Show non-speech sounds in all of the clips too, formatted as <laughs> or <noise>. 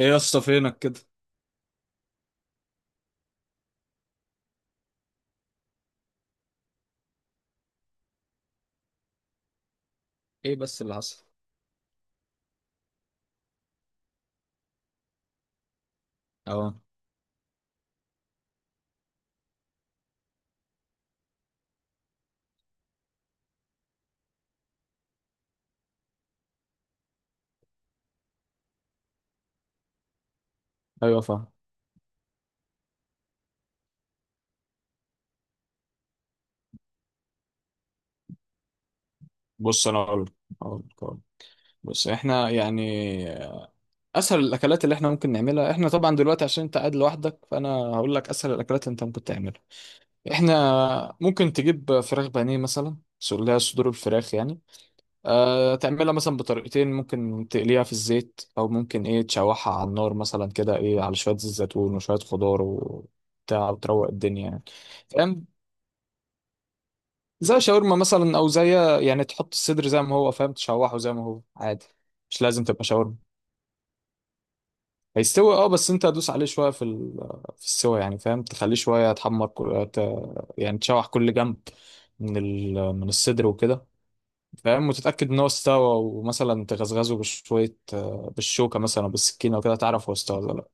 ايه يا اسطى، فينك كده؟ ايه بس اللي حصل؟ اه. ايوه، فاهم. بص انا اقول لك. أقول لك. بص احنا يعني اسهل الاكلات اللي احنا ممكن نعملها احنا طبعا دلوقتي، عشان انت قاعد لوحدك، فانا هقول لك اسهل الاكلات اللي انت ممكن تعملها. احنا ممكن تجيب فراخ بانيه مثلا، اللي هي صدور الفراخ يعني. أه، تعملها مثلا بطريقتين. ممكن تقليها في الزيت، او ممكن ايه تشوحها على النار مثلا كده، ايه، على شويه زيت زيتون وشويه خضار وبتاع، وتروق الدنيا يعني. فاهم؟ زي شاورما مثلا، او زي يعني تحط الصدر زي ما هو، فاهم، تشوحه زي ما هو عادي. مش لازم تبقى شاورما. هيستوي اه، بس انت هتدوس عليه شويه في السوا يعني، فاهم، تخليه شويه يتحمر، يعني تشوح كل جنب، من الصدر وكده. فاهم؟ وتتاكد ان هو استوى، ومثلا تغزغزه بشويه، بالشوكه مثلا أو بالسكينه، وكده تعرف هو استوى ولا.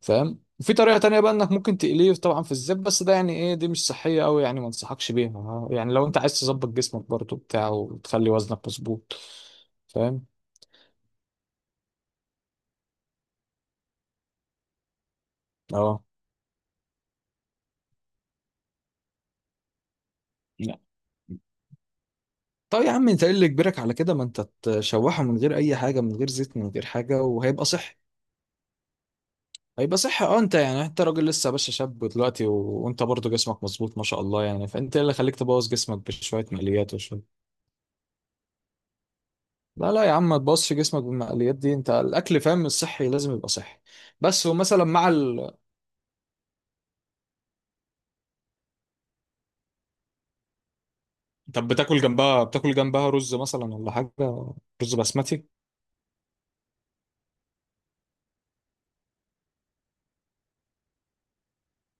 فاهم؟ وفي طريقة تانية بقى، انك ممكن تقليه طبعا في الزيت، بس ده يعني، ايه، دي مش صحية قوي يعني، ما انصحكش بيها يعني، لو انت عايز تظبط جسمك برضه بتاع وتخلي وزنك مظبوط. فاهم؟ اه. لا. طب يا عم، انت ايه اللي يجبرك على كده؟ ما انت تشوحه من غير اي حاجة، من غير زيت من غير حاجة، وهيبقى صحي. هيبقى صحي اه. انت يعني انت راجل لسه يا باشا، شاب دلوقتي وانت برضه جسمك مظبوط ما شاء الله يعني، فانت ايه اللي خليك تبوظ جسمك بشوية مقليات وشوية؟ لا لا يا عم، ما تبصش جسمك بالمقليات دي. انت الاكل، فاهم، الصحي لازم يبقى صحي. بس، ومثلا مع طب بتاكل جنبها رز مثلا ولا حاجه؟ رز بسمتي.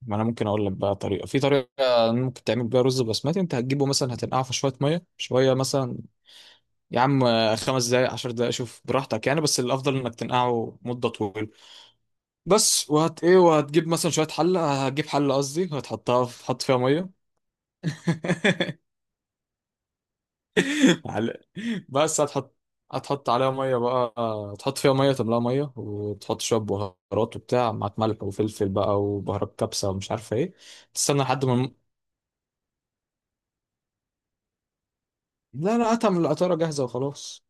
ما انا ممكن اقول لك بقى طريقه، في طريقه ممكن تعمل بيها رز بسمتي. انت هتجيبه مثلا، هتنقعه في شويه ميه، شويه مثلا. يا عم، 5 دقائق 10 دقائق، شوف براحتك يعني، بس الافضل انك تنقعه مده طويله. بس، وهت ايه، وهتجيب مثلا شويه حله، هتجيب حله قصدي، هتحطها في... حط فيها ميه. <laughs> على- بس هتحط، هتحط عليها ميه بقى. تحط فيها ميه، تملاها ميه، وتحط شويه بهارات وبتاع معاك، ملح وفلفل بقى، وبهارات كبسه ومش عارفه ايه. تستنى لحد ما الم- لا لا، هاتها من القطاره جاهزه وخلاص.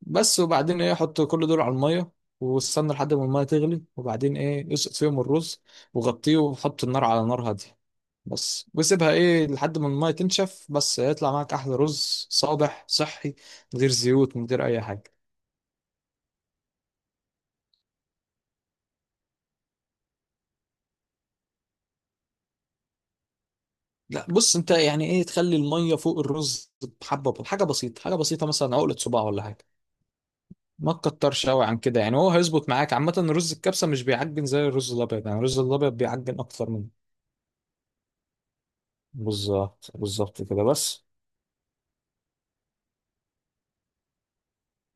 بس، وبعدين ايه، حط كل دول على الميه، واستنى لحد ما الميه تغلي، وبعدين ايه اسقط فيهم الرز، وغطيه، وحط النار على نار هاديه. بس وسيبها ايه لحد ما الميه تنشف، بس هيطلع معاك احلى رز، صابح صحي، من غير زيوت، من غير اي حاجه. لا. بص انت يعني، ايه، تخلي الميه فوق الرز بحبه، بحاجه بسيطه، حاجه بسيطه مثلا عقله صباع ولا حاجه. ما تكترش قوي عن كده يعني، هو هيظبط معاك عامه. رز الكبسه مش بيعجن زي الرز الابيض، يعني الرز الابيض بيعجن اكتر منه. بالظبط بالظبط كده، بس.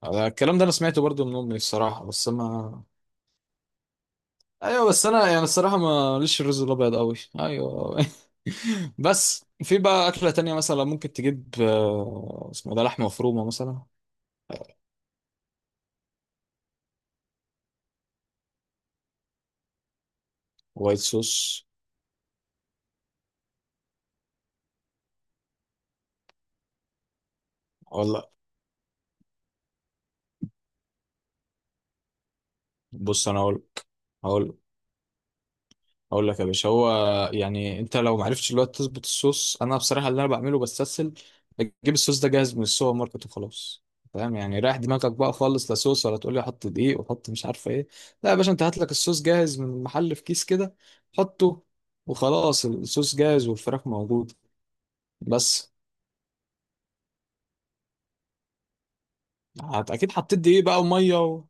الكلام ده انا سمعته برضو من امي الصراحه، بس ما <laughs> ايوه. بس انا يعني الصراحه ما ليش الرز الابيض قوي، ايوه. <laughs> بس في بقى اكله تانية مثلا، ممكن تجيب، اسمه ده، لحمه مفرومه مثلا. وايت صوص. بص انا اقول هقول هقول لك يا باشا. هو يعني انت لو ما عرفتش الوقت تظبط الصوص، انا بصراحه اللي انا بعمله بستسهل، اجيب الصوص ده جاهز من السوبر ماركت وخلاص. فاهم يعني؟ رايح دماغك بقى خالص، لا صوص ولا تقول لي حط دقيق وحط مش عارفه ايه. لا يا باشا، انت هات لك الصوص جاهز من المحل في كيس كده، حطه وخلاص، الصوص جاهز والفراخ موجوده. بس اكيد حطيت دقيق بقى وميه و...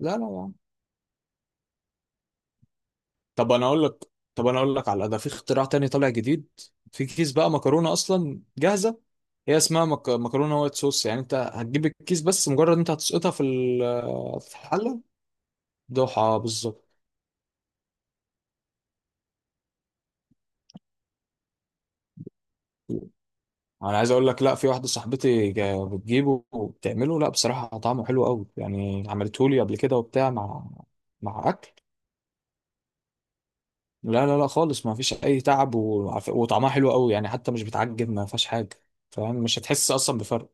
لا لا يا عم. طب انا اقول لك طب انا اقول لك على ده، في اختراع تاني طالع جديد، في كيس بقى مكرونه اصلا جاهزه. هي اسمها مكرونه وايت صوص، يعني انت هتجيب الكيس بس، مجرد انت هتسقطها في في الحله. دوحه بالظبط. انا عايز اقول لك، لا، في واحده صاحبتي بتجيبه وبتعمله، لا بصراحه طعمه حلو قوي يعني، عملته لي قبل كده وبتاع مع اكل. لا لا لا خالص، ما فيش اي تعب وطعمها حلو قوي يعني، حتى مش بتعجب ما فيهاش حاجه. فاهم، مش هتحس اصلا بفرق.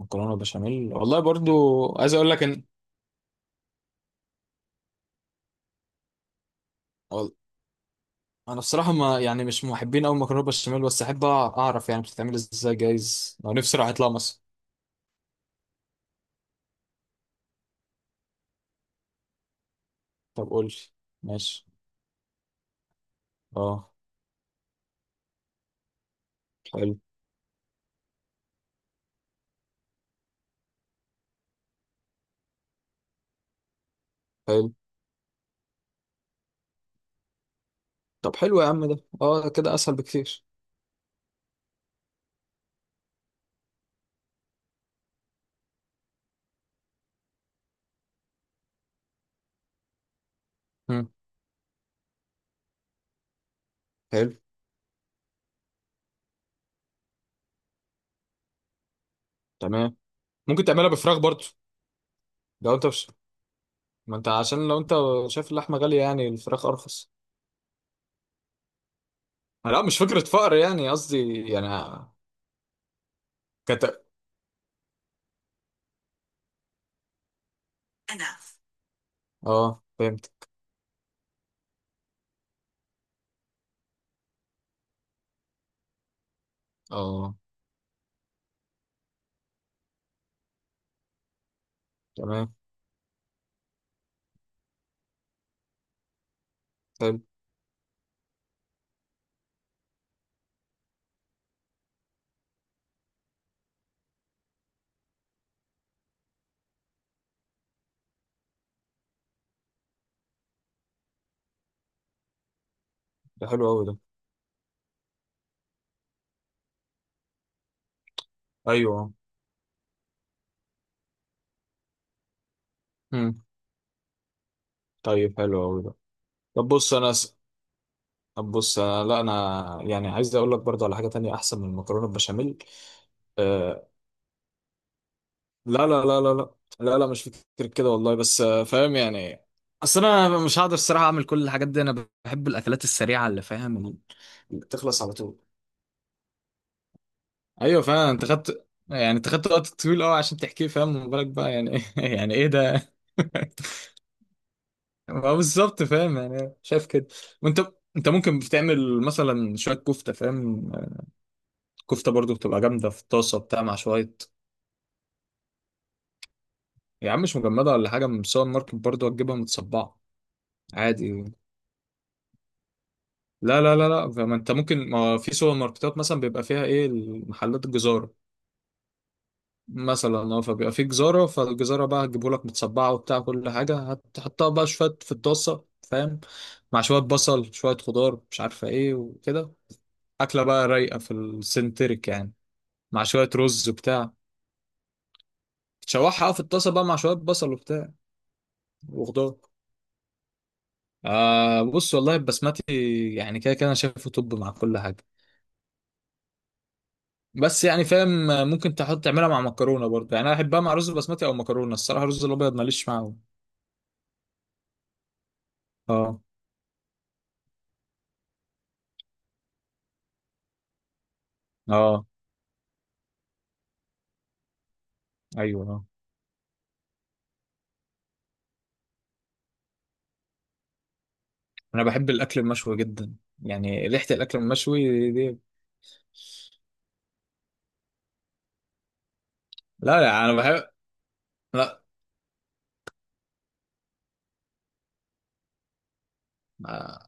مكرونه بشاميل، والله برضو عايز اقول لك ان وال- انا بصراحه ما يعني مش محبين قوي مكرونه بشاميل، بس احب اعرف يعني بتتعمل ازاي، جايز لو نفسي راح اطلع مصر. طب قول لي. ماشي. اه. حلو. حلو. طب حلو يا عم ده، اه كده اسهل بكتير. مم. حلو. تمام. ممكن تعملها بفراخ برضو. لو انت مش، ما انت عشان لو انت شايف اللحمه غاليه، يعني الفراخ ارخص. لا مش فكره فقر يعني، قصدي يعني. كت... اه فهمت. اه. تمام. حلو ده، حلو قوي ده. ايوه. امم. طيب حلو قوي ده. طب بص انا س... طب بص انا، لا، انا يعني عايز اقول لك برضه على حاجه تانية احسن من المكرونه البشاميل. آه... لا لا لا لا لا. لا لا مش، فكر كده والله، بس فاهم يعني. اصل انا مش هقدر الصراحه اعمل كل الحاجات دي، انا بحب الاكلات السريعه اللي فاهم، اللي بتخلص على طول. ايوه فعلا، انت خدت وقت طويل قوي عشان تحكيه، فاهم، ما بالك بقى يعني، <laughs> يعني ايه ده. <laughs> ما هو بالظبط، فاهم يعني، شايف كده. وانت ممكن بتعمل مثلا شويه كفته، فاهم. كفته برضو بتبقى جامده في طاسه بتاع مع شويه. يا عم مش مجمده ولا حاجه، من السوبر ماركت برضو هتجيبها متصبعه. عادي. لا لا لا لا، فما انت ممكن، ما في سوبر ماركتات مثلا بيبقى فيها ايه، محلات الجزاره مثلا. اه، فبيبقى في جزاره، فالجزاره بقى هتجيبه لك متصبعه وبتاع، كل حاجه هتحطها بقى شويه في الطاسه، فاهم، مع شويه بصل شويه خضار مش عارفه ايه وكده. اكله بقى رايقه في السنتريك يعني، مع شوية رز وبتاع. تشوحها في الطاسة بقى مع شوية بصل وبتاع وخضار. بص والله البسمتي يعني، كده كده انا شايفه، طب مع كل حاجة، بس يعني فاهم. ممكن تحط تعملها مع مكرونة برضه يعني، انا احبها مع رز بسمتي او مكرونة الصراحة، الرز الابيض ماليش معاه. اه. اه. ايوه. اه. انا بحب الاكل المشوي جدا، يعني ريحة الاكل المشوي دي. لا لا انا بحب. لا. آه.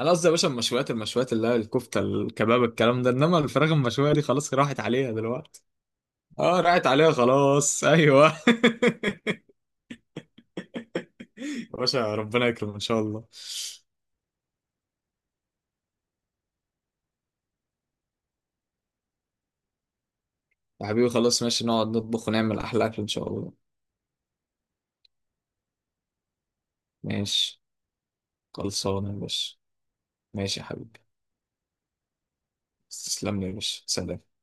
انا قصدي يا باشا المشويات، المشويات اللي هي الكفتة الكباب الكلام ده، انما الفراخ المشوية دي خلاص راحت عليها دلوقتي. اه، راحت عليها خلاص، ايوه. <laughs> يا باشا ربنا يكرم ان شاء الله. يا حبيبي خلاص، ماشي، نقعد نطبخ ونعمل احلى اكل ان شاء الله. ماشي. خلصانه يا باشا. ماشي يا حبيبي. تسلم لي يا باشا. سلام.